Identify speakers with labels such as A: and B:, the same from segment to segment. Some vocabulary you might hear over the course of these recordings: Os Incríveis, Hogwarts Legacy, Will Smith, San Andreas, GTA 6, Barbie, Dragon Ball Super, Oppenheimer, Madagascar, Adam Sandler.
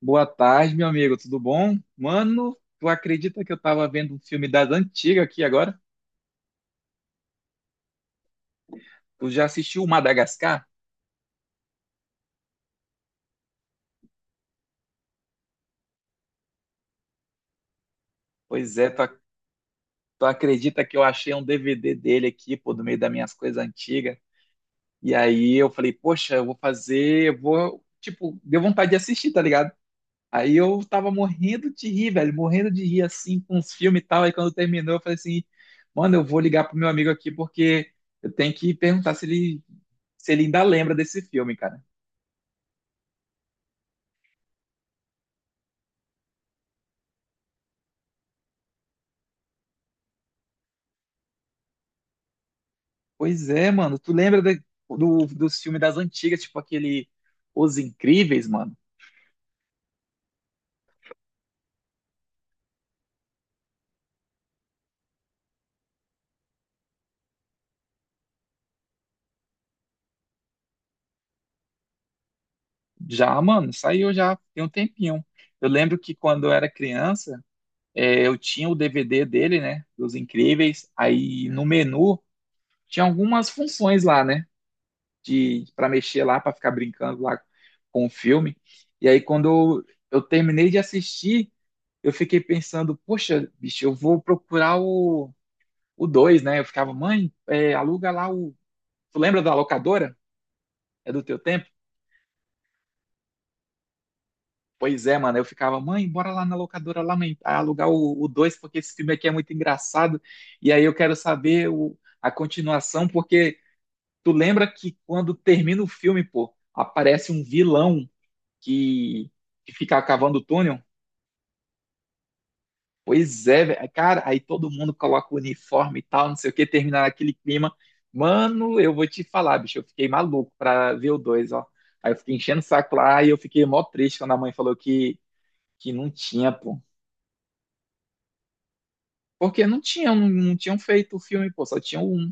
A: Boa tarde, meu amigo, tudo bom? Mano, tu acredita que eu tava vendo um filme das antigas aqui agora? Tu já assistiu Madagascar? Pois é, tu acredita que eu achei um DVD dele aqui, pô, do meio das minhas coisas antigas? E aí eu falei, poxa, eu vou fazer, eu vou, tipo, deu vontade de assistir, tá ligado? Aí eu tava morrendo de rir, velho, morrendo de rir assim com os filmes e tal. Aí quando terminou, eu falei assim, mano, eu vou ligar pro meu amigo aqui porque eu tenho que perguntar se ele ainda lembra desse filme, cara. Pois é, mano. Tu lembra dos filmes das antigas, tipo aquele Os Incríveis, mano? Já, mano, saiu já tem um tempinho. Eu lembro que quando eu era criança, eu tinha o DVD dele, né? Dos Incríveis. Aí no menu tinha algumas funções lá, né? De, para mexer lá, para ficar brincando lá com o filme. E aí quando eu terminei de assistir, eu fiquei pensando, poxa, bicho, eu vou procurar o dois, né? Eu ficava, mãe, aluga lá o. Tu lembra da locadora? É do teu tempo? Pois é, mano. Eu ficava, mãe, bora lá na locadora, lá, mãe, pra alugar o 2 porque esse filme aqui é muito engraçado. E aí eu quero saber a continuação, porque tu lembra que quando termina o filme, pô, aparece um vilão que, que fica cavando o túnel? Pois é, velho. Cara, aí todo mundo coloca o uniforme e tal, não sei o que, terminar aquele clima. Mano, eu vou te falar, bicho, eu fiquei maluco pra ver o 2, ó. Aí eu fiquei enchendo o saco lá e eu fiquei mó triste quando a mãe falou que não tinha, pô. Porque não tinham, não, não tinham feito o filme, pô, só tinham um.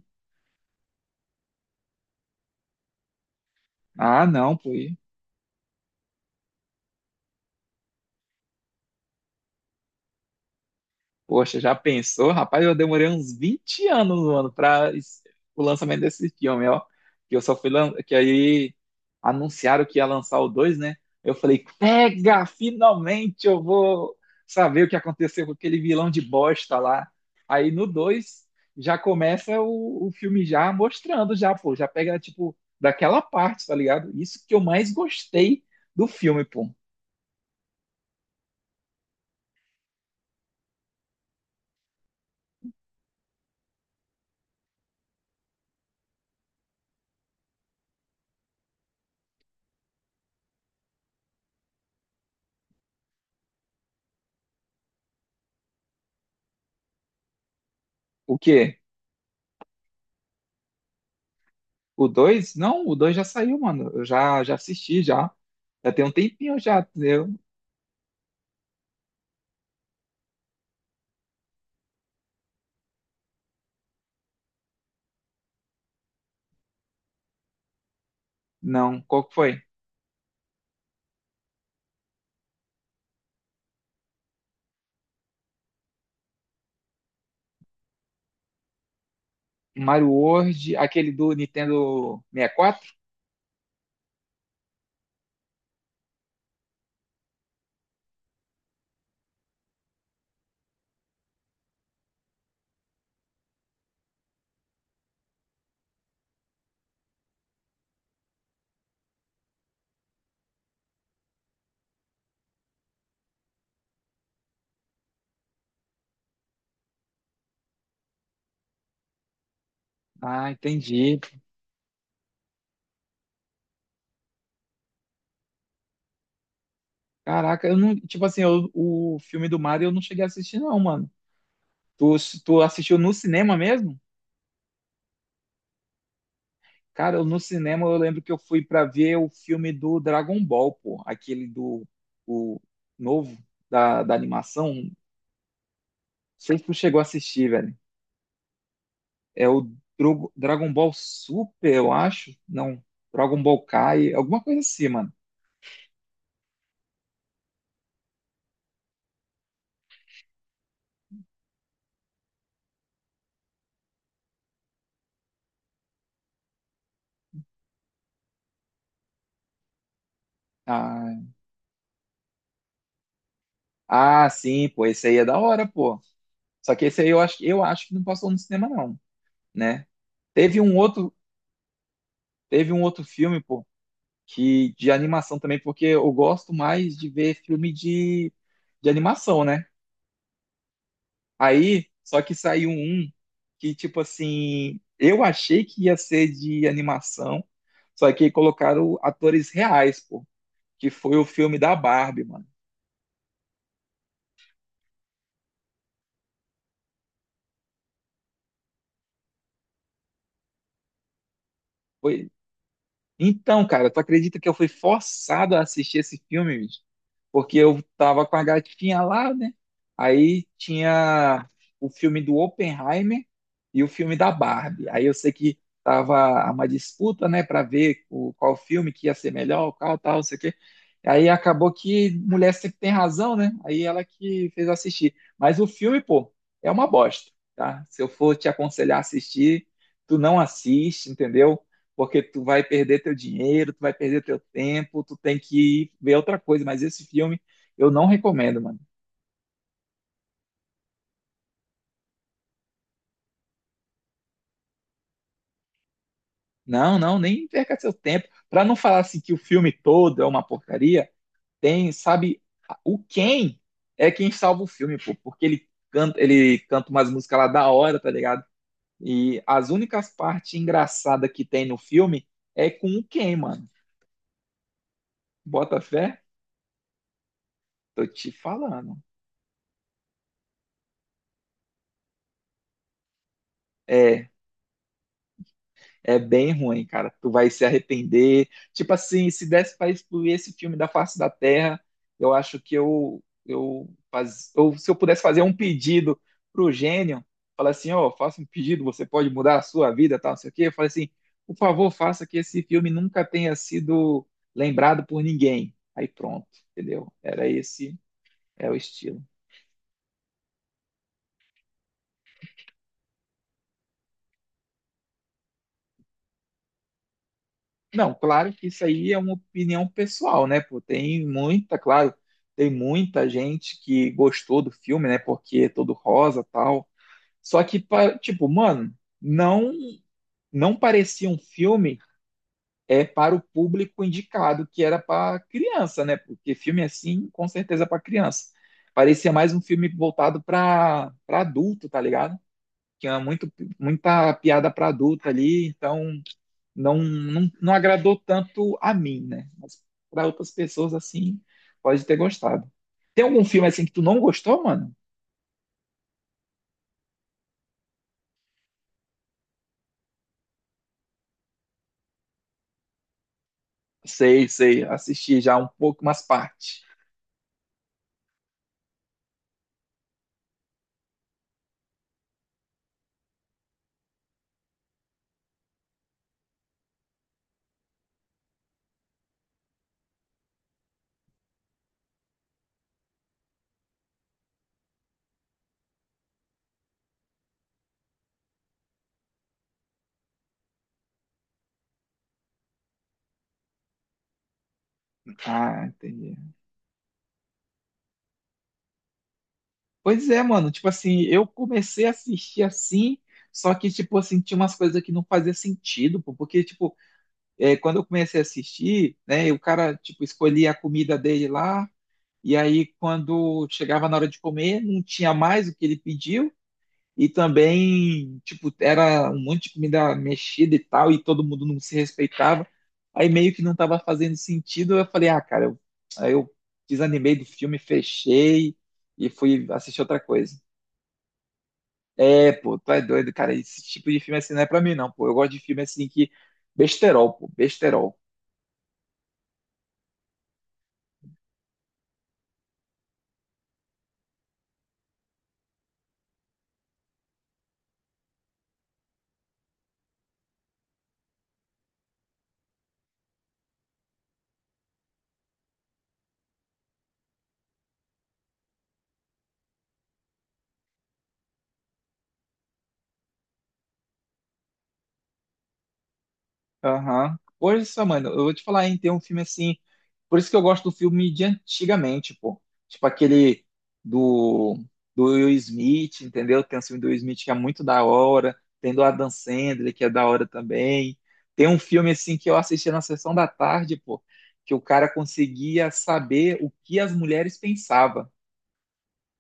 A: Ah, não, pô. Poxa, já pensou? Rapaz, eu demorei uns 20 anos, mano, para o lançamento desse filme, ó. Que eu só fui lan... que aí anunciaram que ia lançar o 2, né? Eu falei, pega, finalmente eu vou saber o que aconteceu com aquele vilão de bosta lá. Aí no 2 já começa o filme já mostrando já, pô, já pega tipo daquela parte, tá ligado? Isso que eu mais gostei do filme, pô. O quê? O dois? Não, o 2 já saiu, mano. Eu já assisti, já. Já tem um tempinho já, entendeu? Não, qual que foi? Mario World, aquele do Nintendo 64? Ah, entendi. Caraca, eu não. Tipo assim, o filme do Mario eu não cheguei a assistir, não, mano. Tu, tu assistiu no cinema mesmo? Cara, no cinema eu lembro que eu fui pra ver o filme do Dragon Ball, pô. Aquele do. O novo da animação. Não sei se tu chegou a assistir, velho. É o Dragon Ball Super, eu acho. Não, Dragon Ball Kai, alguma coisa assim, mano. Ah, ah, sim, pô, esse aí é da hora, pô. Só que esse aí eu acho que não passou no cinema, não, né? Teve um outro, teve um outro filme, pô, que de animação também, porque eu gosto mais de ver filme de animação, né? Aí, só que saiu um que, tipo assim, eu achei que ia ser de animação, só que colocaram atores reais, pô. Que foi o filme da Barbie, mano. Foi... Então, cara, tu acredita que eu fui forçado a assistir esse filme, bicho? Porque eu tava com a gatinha lá, né? Aí tinha o filme do Oppenheimer e o filme da Barbie. Aí eu sei que tava uma disputa, né, para ver qual filme que ia ser melhor, qual tal, não sei o quê. Aí acabou que mulher sempre tem razão, né? Aí ela que fez eu assistir. Mas o filme, pô, é uma bosta, tá? Se eu for te aconselhar a assistir, tu não assiste, entendeu? Porque tu vai perder teu dinheiro, tu vai perder teu tempo, tu tem que ir ver outra coisa, mas esse filme eu não recomendo, mano. Não, não, nem perca seu tempo. Pra não falar assim que o filme todo é uma porcaria, tem, sabe, o Ken é quem salva o filme, pô, porque ele canta, umas músicas lá da hora, tá ligado? E as únicas partes engraçadas que tem no filme é com o Ken, mano. Bota fé? Tô te falando. É, É bem ruim, cara. Tu vai se arrepender. Tipo assim, se desse pra excluir esse filme da face da Terra, eu acho que ou se eu pudesse fazer um pedido pro gênio, falar assim, ó, faça um pedido, você pode mudar a sua vida, tal, não sei o quê. Eu falo assim, por favor, faça que esse filme nunca tenha sido lembrado por ninguém. Aí pronto, entendeu? Era esse, é o estilo. Não, claro que isso aí é uma opinião pessoal, né? Pô, claro, tem muita gente que gostou do filme, né? Porque é todo rosa, tal. Só que, tipo, mano, não não parecia um filme para o público indicado, que era para criança, né? Porque filme assim, com certeza é para criança. Parecia mais um filme voltado para adulto, tá ligado? Tinha muito muita piada para adulto ali, então não agradou tanto a mim, né? Mas para outras pessoas, assim, pode ter gostado. Tem algum filme assim que tu não gostou, mano? Sei, sei, assisti já um pouco, umas partes. Ah, entendi. Pois é, mano, tipo assim, eu comecei a assistir assim, só que, tipo assim, tinha umas coisas que não fazia sentido, pô, porque, tipo, quando eu comecei a assistir, né, o cara, tipo, escolhia a comida dele lá, e aí quando chegava na hora de comer, não tinha mais o que ele pediu. E também, tipo, era um monte de comida mexida e tal, e todo mundo não se respeitava. Aí meio que não estava fazendo sentido. Eu falei, ah, cara, aí eu desanimei do filme, fechei e fui assistir outra coisa. É, pô, tu é doido, cara. Esse tipo de filme assim não é pra mim, não, pô. Eu gosto de filme assim que. Besterol, pô, besterol. Aham. Hoje, só, mano, eu vou te falar, hein, tem um filme assim. Por isso que eu gosto do filme de antigamente, pô. Tipo aquele do, do Will Smith, entendeu? Tem um filme do Will Smith que é muito da hora. Tem do Adam Sandler, que é da hora também. Tem um filme assim que eu assisti na sessão da tarde, pô, que o cara conseguia saber o que as mulheres pensavam.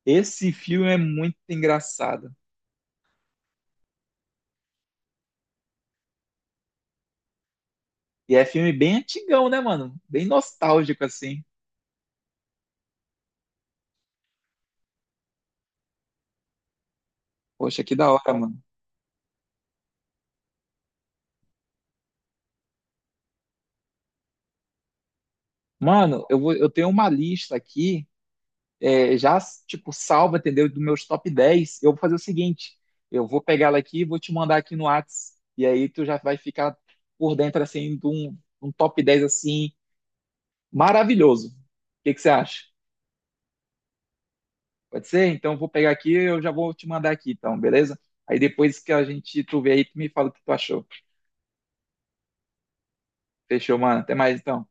A: Esse filme é muito engraçado. E é filme bem antigão, né, mano? Bem nostálgico, assim. Poxa, que da hora, mano. Mano, eu tenho uma lista aqui, é, já, tipo, salva, entendeu? Dos meus top 10. Eu vou fazer o seguinte: eu vou pegar ela aqui e vou te mandar aqui no Whats. E aí tu já vai ficar por dentro, assim, de um top 10 assim, maravilhoso. O que que você acha? Pode ser? Então eu vou pegar aqui e eu já vou te mandar aqui, então, beleza? Aí depois que a gente tu vê aí, tu me fala o que tu achou. Fechou, mano. Até mais, então.